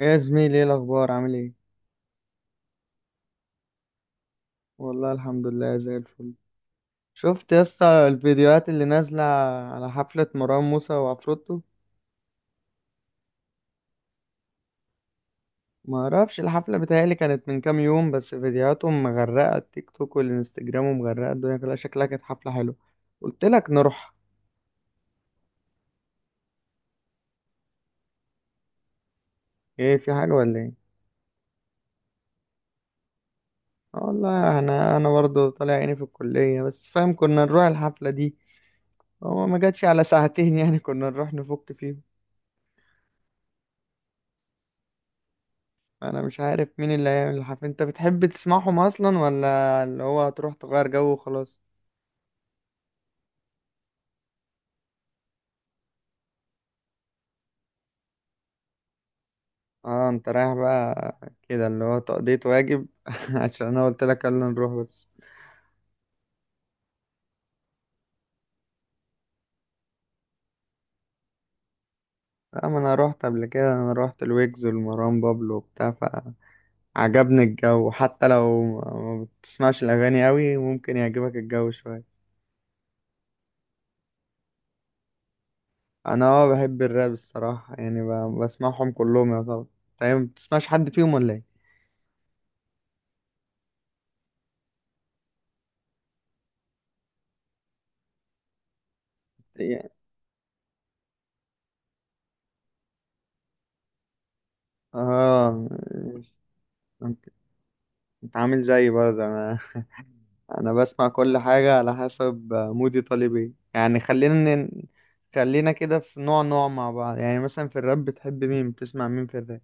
يا زميلي، ايه الاخبار؟ عامل ايه؟ والله الحمد لله زي الفل. شفت يا اسطى الفيديوهات اللي نازله على حفله مروان موسى وعفروتو؟ ما اعرفش، الحفله بتهيالي كانت من كام يوم، بس فيديوهاتهم مغرقه التيك توك والانستجرام ومغرقه الدنيا كلها. شكلها كانت حفله حلوه. قلت لك نروح. ايه، في حاجه ولا ايه؟ آه والله، انا برضه طالع عيني في الكليه، بس فاهم كنا نروح الحفله دي. هو ما جاتش على ساعتين يعني كنا نروح نفك فيهم. انا مش عارف مين اللي هيعمل الحفلة، انت بتحب تسمعهم اصلا ولا اللي هو هتروح تغير جو وخلاص؟ اه، انت رايح بقى كده اللي هو تقضية واجب عشان انا قلت لك يلا نروح بس. لا، ما انا روحت قبل كده، انا روحت الويجز والمروان بابلو وبتاع. فعجبني الجو، حتى لو ما بتسمعش الاغاني قوي ممكن يعجبك الجو شوية. انا بحب الراب الصراحة، يعني بسمعهم كلهم يا طبعا. طيب، ما بتسمعش حد فيهم ولا ايه؟ اه، انت انت عامل زيي برضه. انا انا بسمع كل حاجة على حسب مودي طالب ايه. يعني خلينا كده في نوع نوع مع بعض. يعني مثلا في الراب بتحب مين، بتسمع مين في الراب؟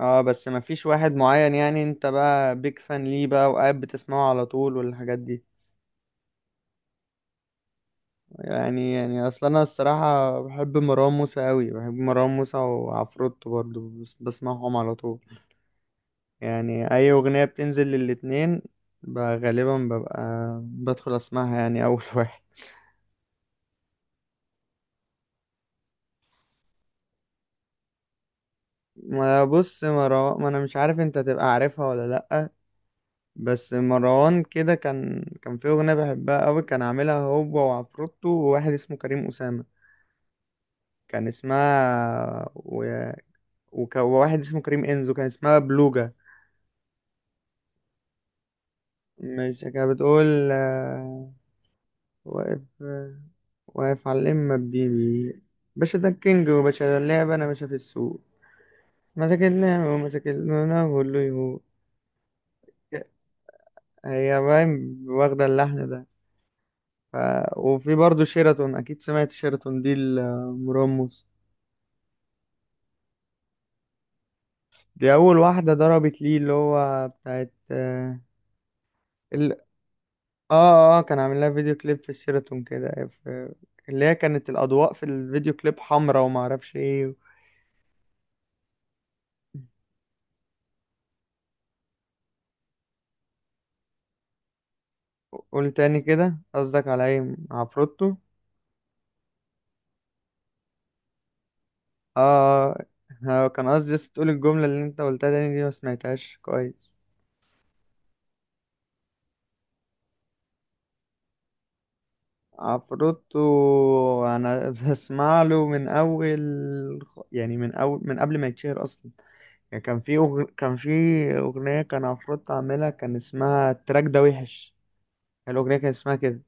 اه، بس ما فيش واحد معين؟ يعني انت بقى بيك فان ليه بقى، وقاعد بتسمعه على طول والحاجات دي؟ يعني اصلا انا الصراحة بحب مروان موسى قوي، بحب مروان موسى وعفروتو برضه، بسمعهم على طول. يعني اي اغنية بتنزل للاتنين غالبا ببقى بدخل اسمعها يعني اول واحد. ما بص، مروان، ما انا مش عارف انت تبقى عارفها ولا لأ، بس مروان كده كان في اغنية بحبها قوي. كان عاملها هو وعفروتو وواحد اسمه كريم أسامة. كان اسمها وواحد اسمه كريم انزو، كان اسمها بلوجا. مش كانت بتقول واقف، واقف على الإمة بديبي، باشا ده الكينج وباشا ده اللعبة، أنا باشا في السوق، ما تاكلنا وما تاكلنا وقول له يهو؟ هي باين واخدة اللحن ده. ف... وفي برضه شيراتون، أكيد سمعت شيراتون دي المرمس. دي أول واحدة ضربت ليه، اللي هو بتاعت ال... كان عامل لها فيديو كليب في الشيراتون كده اللي هي كانت الأضواء في الفيديو كليب حمرا وما أعرفش إيه. قول تاني كده، قصدك على إيه، عفروتو؟ آه. كان قصدي بس تقول الجملة اللي أنت قلتها تاني، دي ما سمعتهاش كويس. عفروتو انا بسمع له من اول، يعني من اول من قبل ما يتشهر اصلا. يعني كان في اغنيه كان عفروتو عاملها، كان اسمها التراك ده وحش. الاغنيه كان اسمها كده.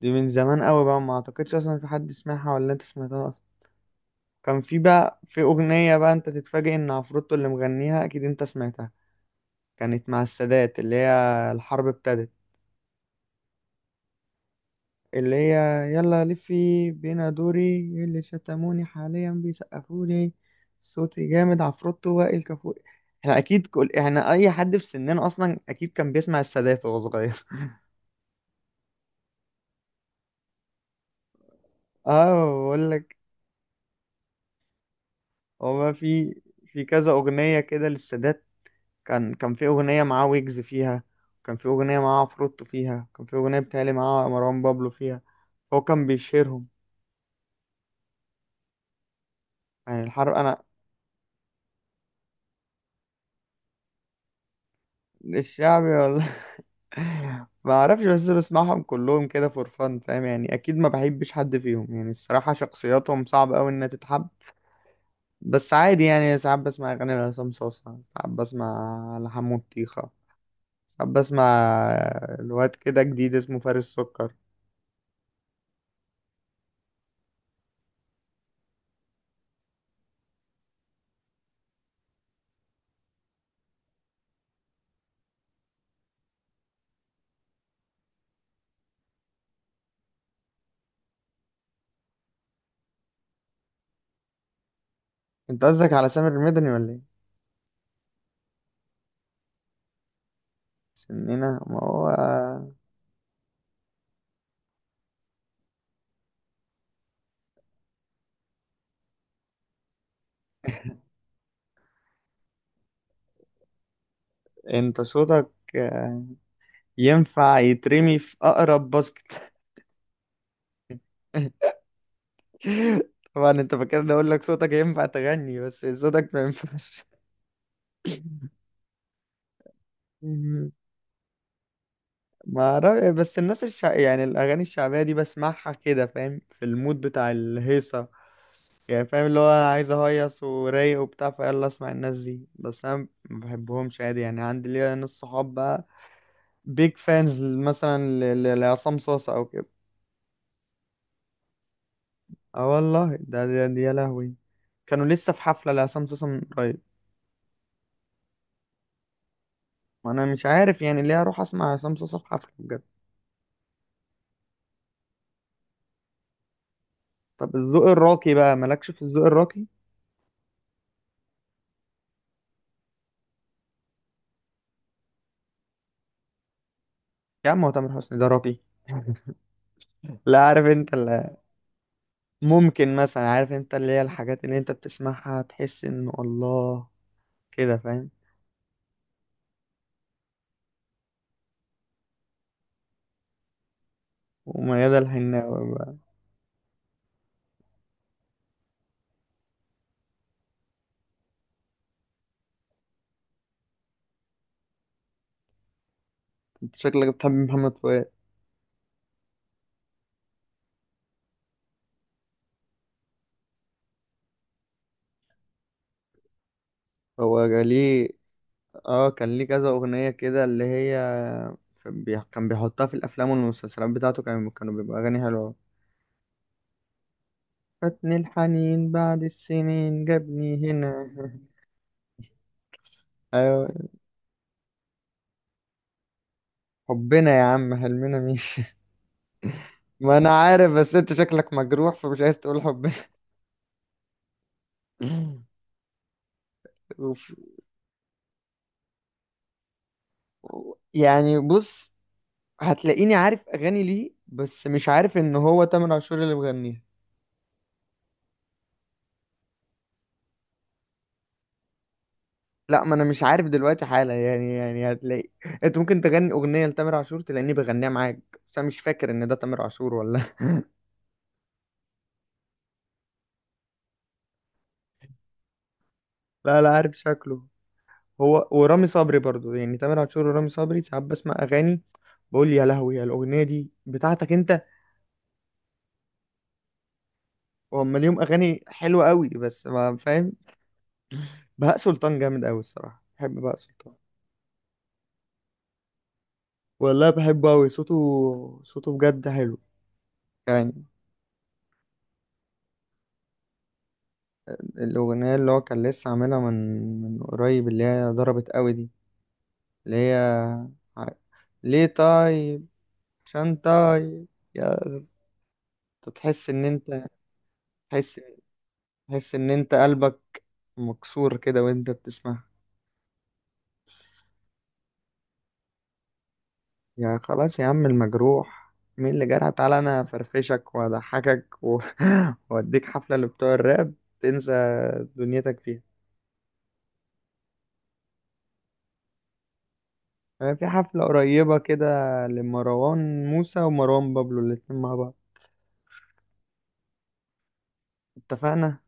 دي من زمان قوي بقى، ما اعتقدش اصلا في حد سمعها، ولا انت سمعتها اصلا؟ كان في بقى في اغنيه بقى انت تتفاجئ ان عفروتو اللي مغنيها، اكيد انت سمعتها. كانت مع السادات، اللي هي الحرب ابتدت. اللي هي يلا لفي بينا دوري، إيه اللي شتموني حاليا بيسقفولي، صوتي جامد عفروتو وائل كفوري. احنا اكيد كل احنا، اي حد في سننا اصلا اكيد كان بيسمع السادات وهو صغير. اه، بقول لك، هو في كذا اغنيه كده للسادات. كان في اغنيه معاه ويجز فيها، كان في اغنيه معاه عفروتو فيها، كان في اغنيه بتهيألي معاه مروان بابلو فيها. هو كان بيشيرهم يعني. الحر انا الشعبي ما اعرفش، بس بسمعهم كلهم كده فور فان، فاهم يعني؟ اكيد ما بحبش حد فيهم، يعني الصراحه شخصياتهم صعب قوي انها تتحب. بس عادي يعني، ساعات بسمع اغاني لعصام صاصا، ساعات بسمع لحمو الطيخه، ساعات بسمع الواد كده جديد اسمه فارس سكر. انت قصدك على سامر المدني ولا ايه؟ سننا، ما هو. انت صوتك ينفع يترمي في اقرب باسكت. طبعا انت فاكرني اقول لك صوتك ينفع تغني، بس صوتك ما ينفعش. ما أعرف- بس الناس يعني الاغاني الشعبيه دي بسمعها كده، فاهم؟ في المود بتاع الهيصه. يعني فاهم اللي هو انا عايز اهيص ورايق وبتاع، فيلا اسمع الناس دي، بس انا ما بحبهمش عادي. يعني عندي ليا ناس صحاب بقى بيج فانز مثلا لعصام صاصا او كده. اه والله، ده يا لهوي، كانوا لسه في حفله لعصام صاصا من قريب. وانا مش عارف يعني ليه اروح اسمع عصام صاصا في حفله بجد. طب الذوق الراقي بقى، مالكش في الذوق الراقي؟ يا عم هو تامر حسني ده راقي؟ لا، عارف انت. ممكن مثلا، عارف انت اللي هي الحاجات اللي انت بتسمعها تحس انه الله، كده فاهم؟ وميادة الحناوي بقى. انت شكلك بتحب محمد فؤاد. هو ليه. اه، كان ليه كذا اغنية كده اللي هي كان بيحطها في الافلام والمسلسلات بتاعته، كانوا بيبقى اغاني حلوة. فاتني الحنين بعد السنين جابني هنا. ايوه. حبنا يا عم، حلمنا مين؟ ما انا عارف، بس انت شكلك مجروح فمش عايز تقول حبنا. وف- يعني بص، هتلاقيني عارف اغاني ليه، بس مش عارف ان هو تامر عاشور اللي مغنيها. لا، ما انا مش عارف دلوقتي حالا، يعني هتلاقي انت ممكن تغني اغنيه لتامر عاشور تلاقيني بغنيها معاك، بس انا مش فاكر ان ده تامر عاشور ولا لا لا، عارف شكله. هو ورامي صبري برضو، يعني تامر عاشور ورامي صبري ساعات بسمع اغاني، بقول يا لهوي، يا الاغنيه دي بتاعتك انت؟ وهم ليهم اغاني حلوه قوي، بس ما فاهم. بهاء سلطان جامد قوي الصراحه، بحب بهاء سلطان. والله بحبه قوي. صوته بجد حلو. يعني الأغنية اللي هو كان لسه عاملها من قريب، اللي هي ضربت قوي دي، اللي هي ع- ليه طيب؟ عشان طيب يا ز- تحس إن أنت، تحس تحس إن أنت قلبك مكسور كده وأنت بتسمعها. يا خلاص يا عم، المجروح مين اللي جرح؟ تعالى أنا أفرفشك وأضحكك وأديك حفلة اللي بتوع الراب تنسى دنيتك فيها. أنا في حفلة قريبة كده لمروان موسى ومروان بابلو، الاتنين مع بعض. اتفقنا.